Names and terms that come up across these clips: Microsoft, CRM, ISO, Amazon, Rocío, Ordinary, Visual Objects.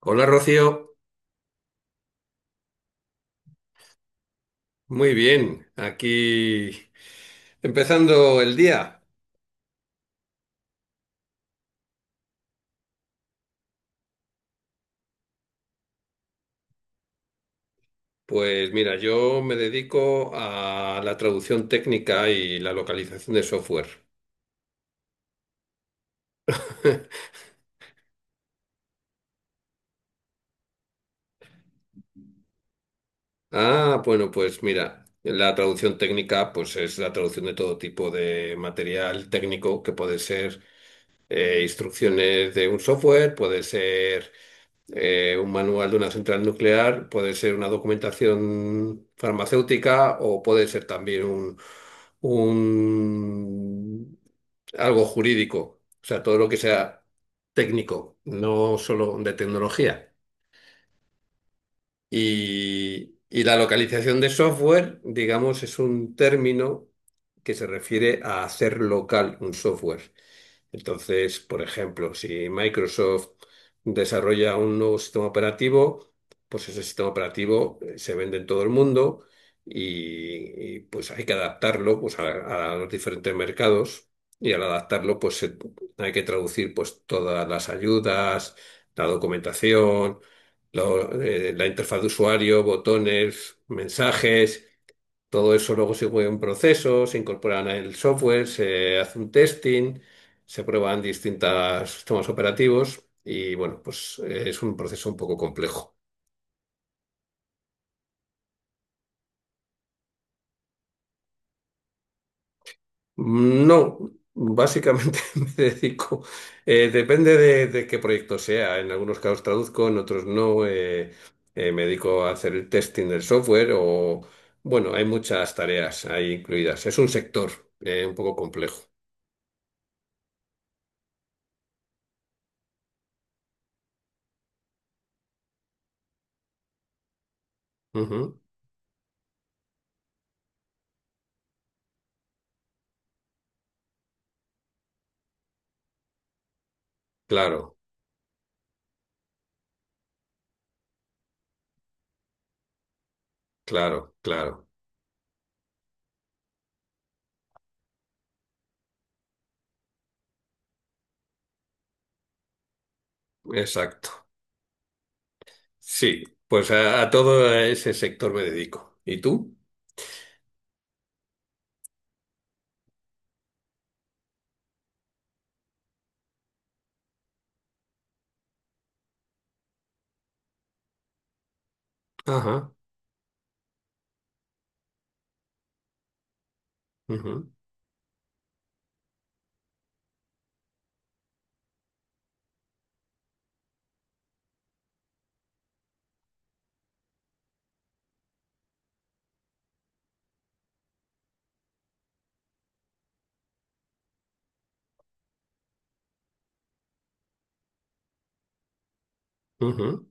Hola Rocío, muy bien, aquí empezando el día. Pues mira, yo me dedico a la traducción técnica y la localización de software. Ah, bueno, pues mira, la traducción técnica pues es la traducción de todo tipo de material técnico que puede ser instrucciones de un software, puede ser. Un manual de una central nuclear puede ser una documentación farmacéutica o puede ser también un- algo jurídico. O sea, todo lo que sea técnico, no solo de tecnología. Y la localización de software, digamos, es un término que se refiere a hacer local un software. Entonces, por ejemplo, si Microsoft desarrolla un nuevo sistema operativo, pues ese sistema operativo se vende en todo el mundo pues hay que adaptarlo pues, a los diferentes mercados y al adaptarlo hay que traducir pues todas las ayudas, la documentación, la interfaz de usuario, botones, mensajes. Todo eso luego se juega un proceso, se incorporan al software, se hace un testing, se prueban distintos sistemas operativos y bueno, pues es un proceso un poco complejo. No, básicamente depende de qué proyecto sea. En algunos casos traduzco, en otros no. Me dedico a hacer el testing del software bueno, hay muchas tareas ahí incluidas. Es un sector un poco complejo. Ujú. Claro, claro, claro. Exacto. Sí, pues a todo ese sector me dedico. ¿Y tú? Ajá. Ujú, ujú,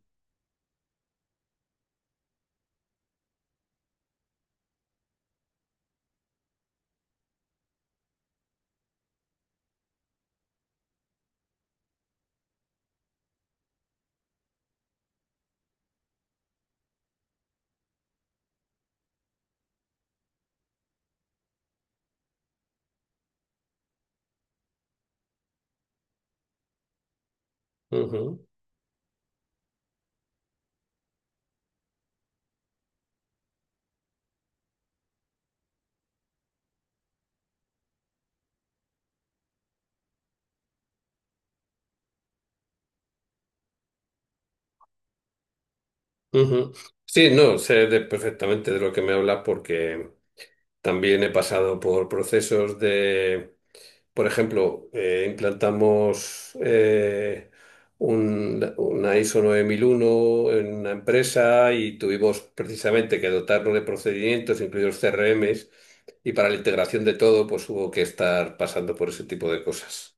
ujú, ujú. Sí, no, perfectamente de lo que me hablas porque también he pasado por procesos de. Por ejemplo, implantamos una ISO 9001 en una empresa y tuvimos precisamente que dotarnos de procedimientos, incluidos CRMs, y para la integración de todo, pues hubo que estar pasando por ese tipo de cosas.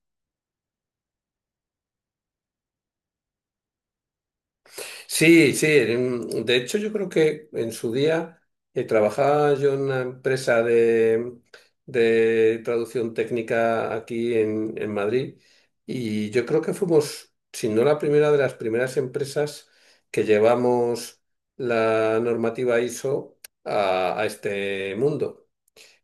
Sí, sí. De hecho, yo creo que en su día trabajaba yo en una empresa de traducción técnica aquí en Madrid y yo creo que fuimos, si no la primera, de las primeras empresas que llevamos la normativa ISO a este mundo.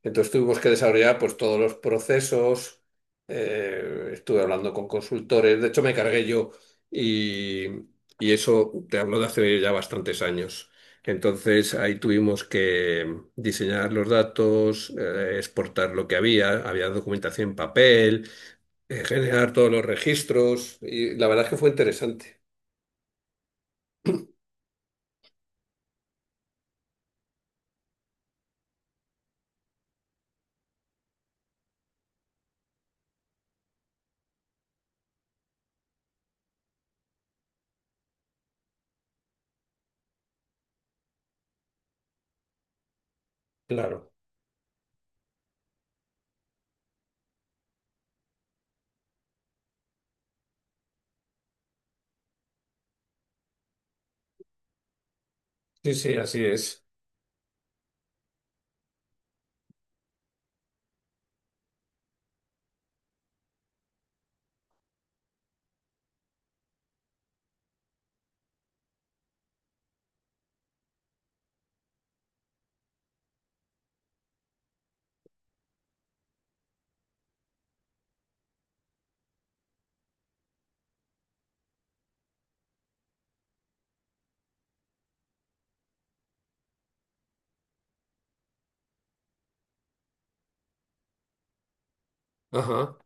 Entonces tuvimos que desarrollar pues todos los procesos, estuve hablando con consultores, de hecho me cargué yo y, y eso te hablo de hace ya bastantes años. Entonces ahí tuvimos que diseñar los datos, exportar lo que había, había documentación en papel, generar todos los registros y la verdad es que fue interesante. Claro, sí, sí, así es. Ajá.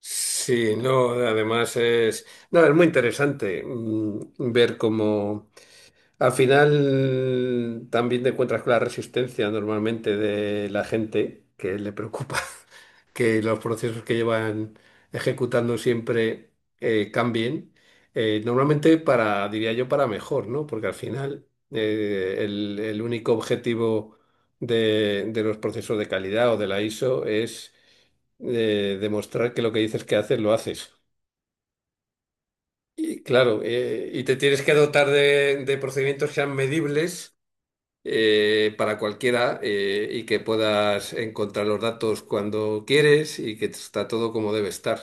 Sí, no, además es, no, es muy interesante, ver cómo, al final también te encuentras con la resistencia normalmente de la gente que le preocupa que los procesos que llevan ejecutando siempre cambien. Normalmente para, diría yo, para mejor, ¿no? Porque al final el único objetivo de los procesos de calidad o de la ISO es demostrar que lo que dices que haces, lo haces. Y claro, y te tienes que dotar de procedimientos que sean medibles para cualquiera y que puedas encontrar los datos cuando quieres y que está todo como debe estar.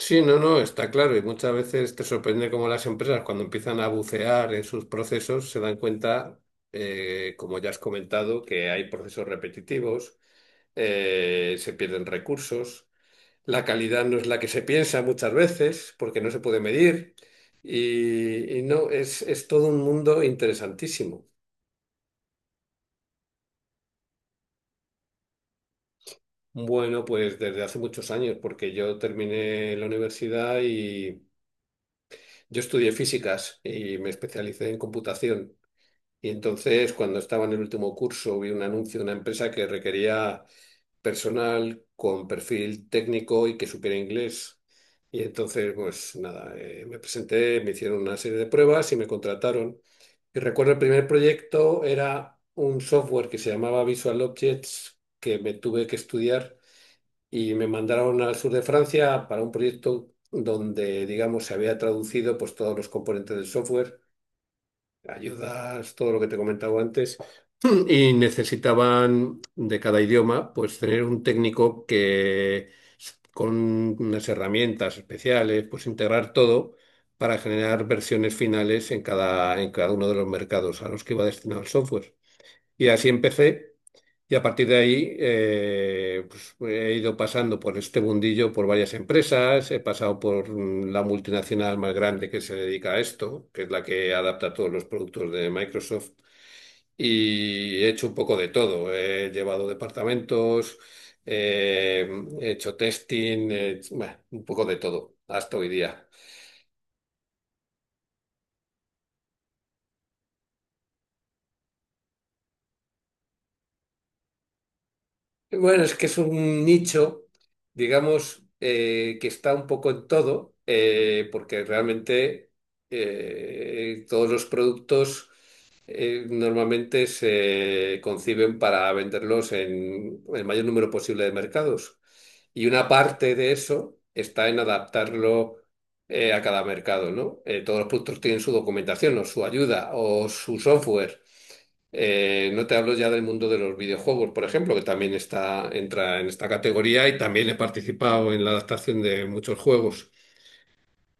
Sí, no, no, está claro. Y muchas veces te sorprende cómo las empresas, cuando empiezan a bucear en sus procesos, se dan cuenta, como ya has comentado, que hay procesos repetitivos, se pierden recursos, la calidad no es la que se piensa muchas veces, porque no se puede medir. Y no, es todo un mundo interesantísimo. Bueno, pues desde hace muchos años, porque yo terminé la universidad y yo estudié físicas y me especialicé en computación. Y entonces, cuando estaba en el último curso, vi un anuncio de una empresa que requería personal con perfil técnico y que supiera inglés. Y entonces, pues nada, me presenté, me hicieron una serie de pruebas y me contrataron. Y recuerdo el primer proyecto era un software que se llamaba Visual Objects que me tuve que estudiar y me mandaron al sur de Francia para un proyecto donde, digamos, se había traducido pues, todos los componentes del software, ayudas, todo lo que te comentaba antes, y necesitaban de cada idioma pues tener un técnico que con unas herramientas especiales, pues integrar todo para generar versiones finales en cada uno de los mercados a los que iba destinado el software. Y así empecé. Y a partir de ahí pues, he ido pasando por este mundillo por varias empresas, he pasado por la multinacional más grande que se dedica a esto, que es la que adapta todos los productos de Microsoft, y he hecho un poco de todo. He llevado departamentos, eh, he hecho testing, bueno, un poco de todo hasta hoy día. Bueno, es que es un nicho, digamos, que está un poco en todo, porque realmente todos los productos normalmente se conciben para venderlos en el mayor número posible de mercados. Y una parte de eso está en adaptarlo a cada mercado, ¿no? Todos los productos tienen su documentación o su ayuda o su software. No te hablo ya del mundo de los videojuegos, por ejemplo, que también está, entra en esta categoría y también he participado en la adaptación de muchos juegos.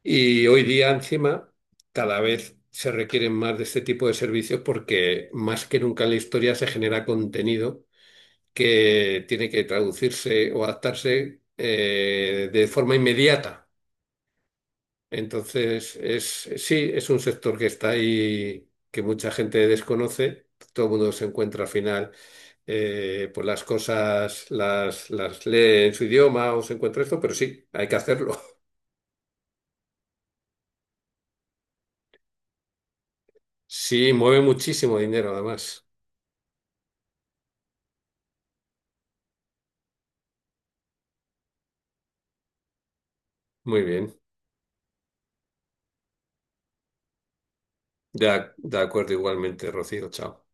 Y hoy día, encima, cada vez se requieren más de este tipo de servicios porque más que nunca en la historia se genera contenido que tiene que traducirse o adaptarse de forma inmediata. Entonces, sí, es un sector que está ahí, que mucha gente desconoce. Todo el mundo se encuentra al final, pues las cosas las lee en su idioma o se encuentra esto, pero sí, hay que hacerlo. Sí, mueve muchísimo dinero además. Muy bien. De acuerdo igualmente, Rocío. Chao.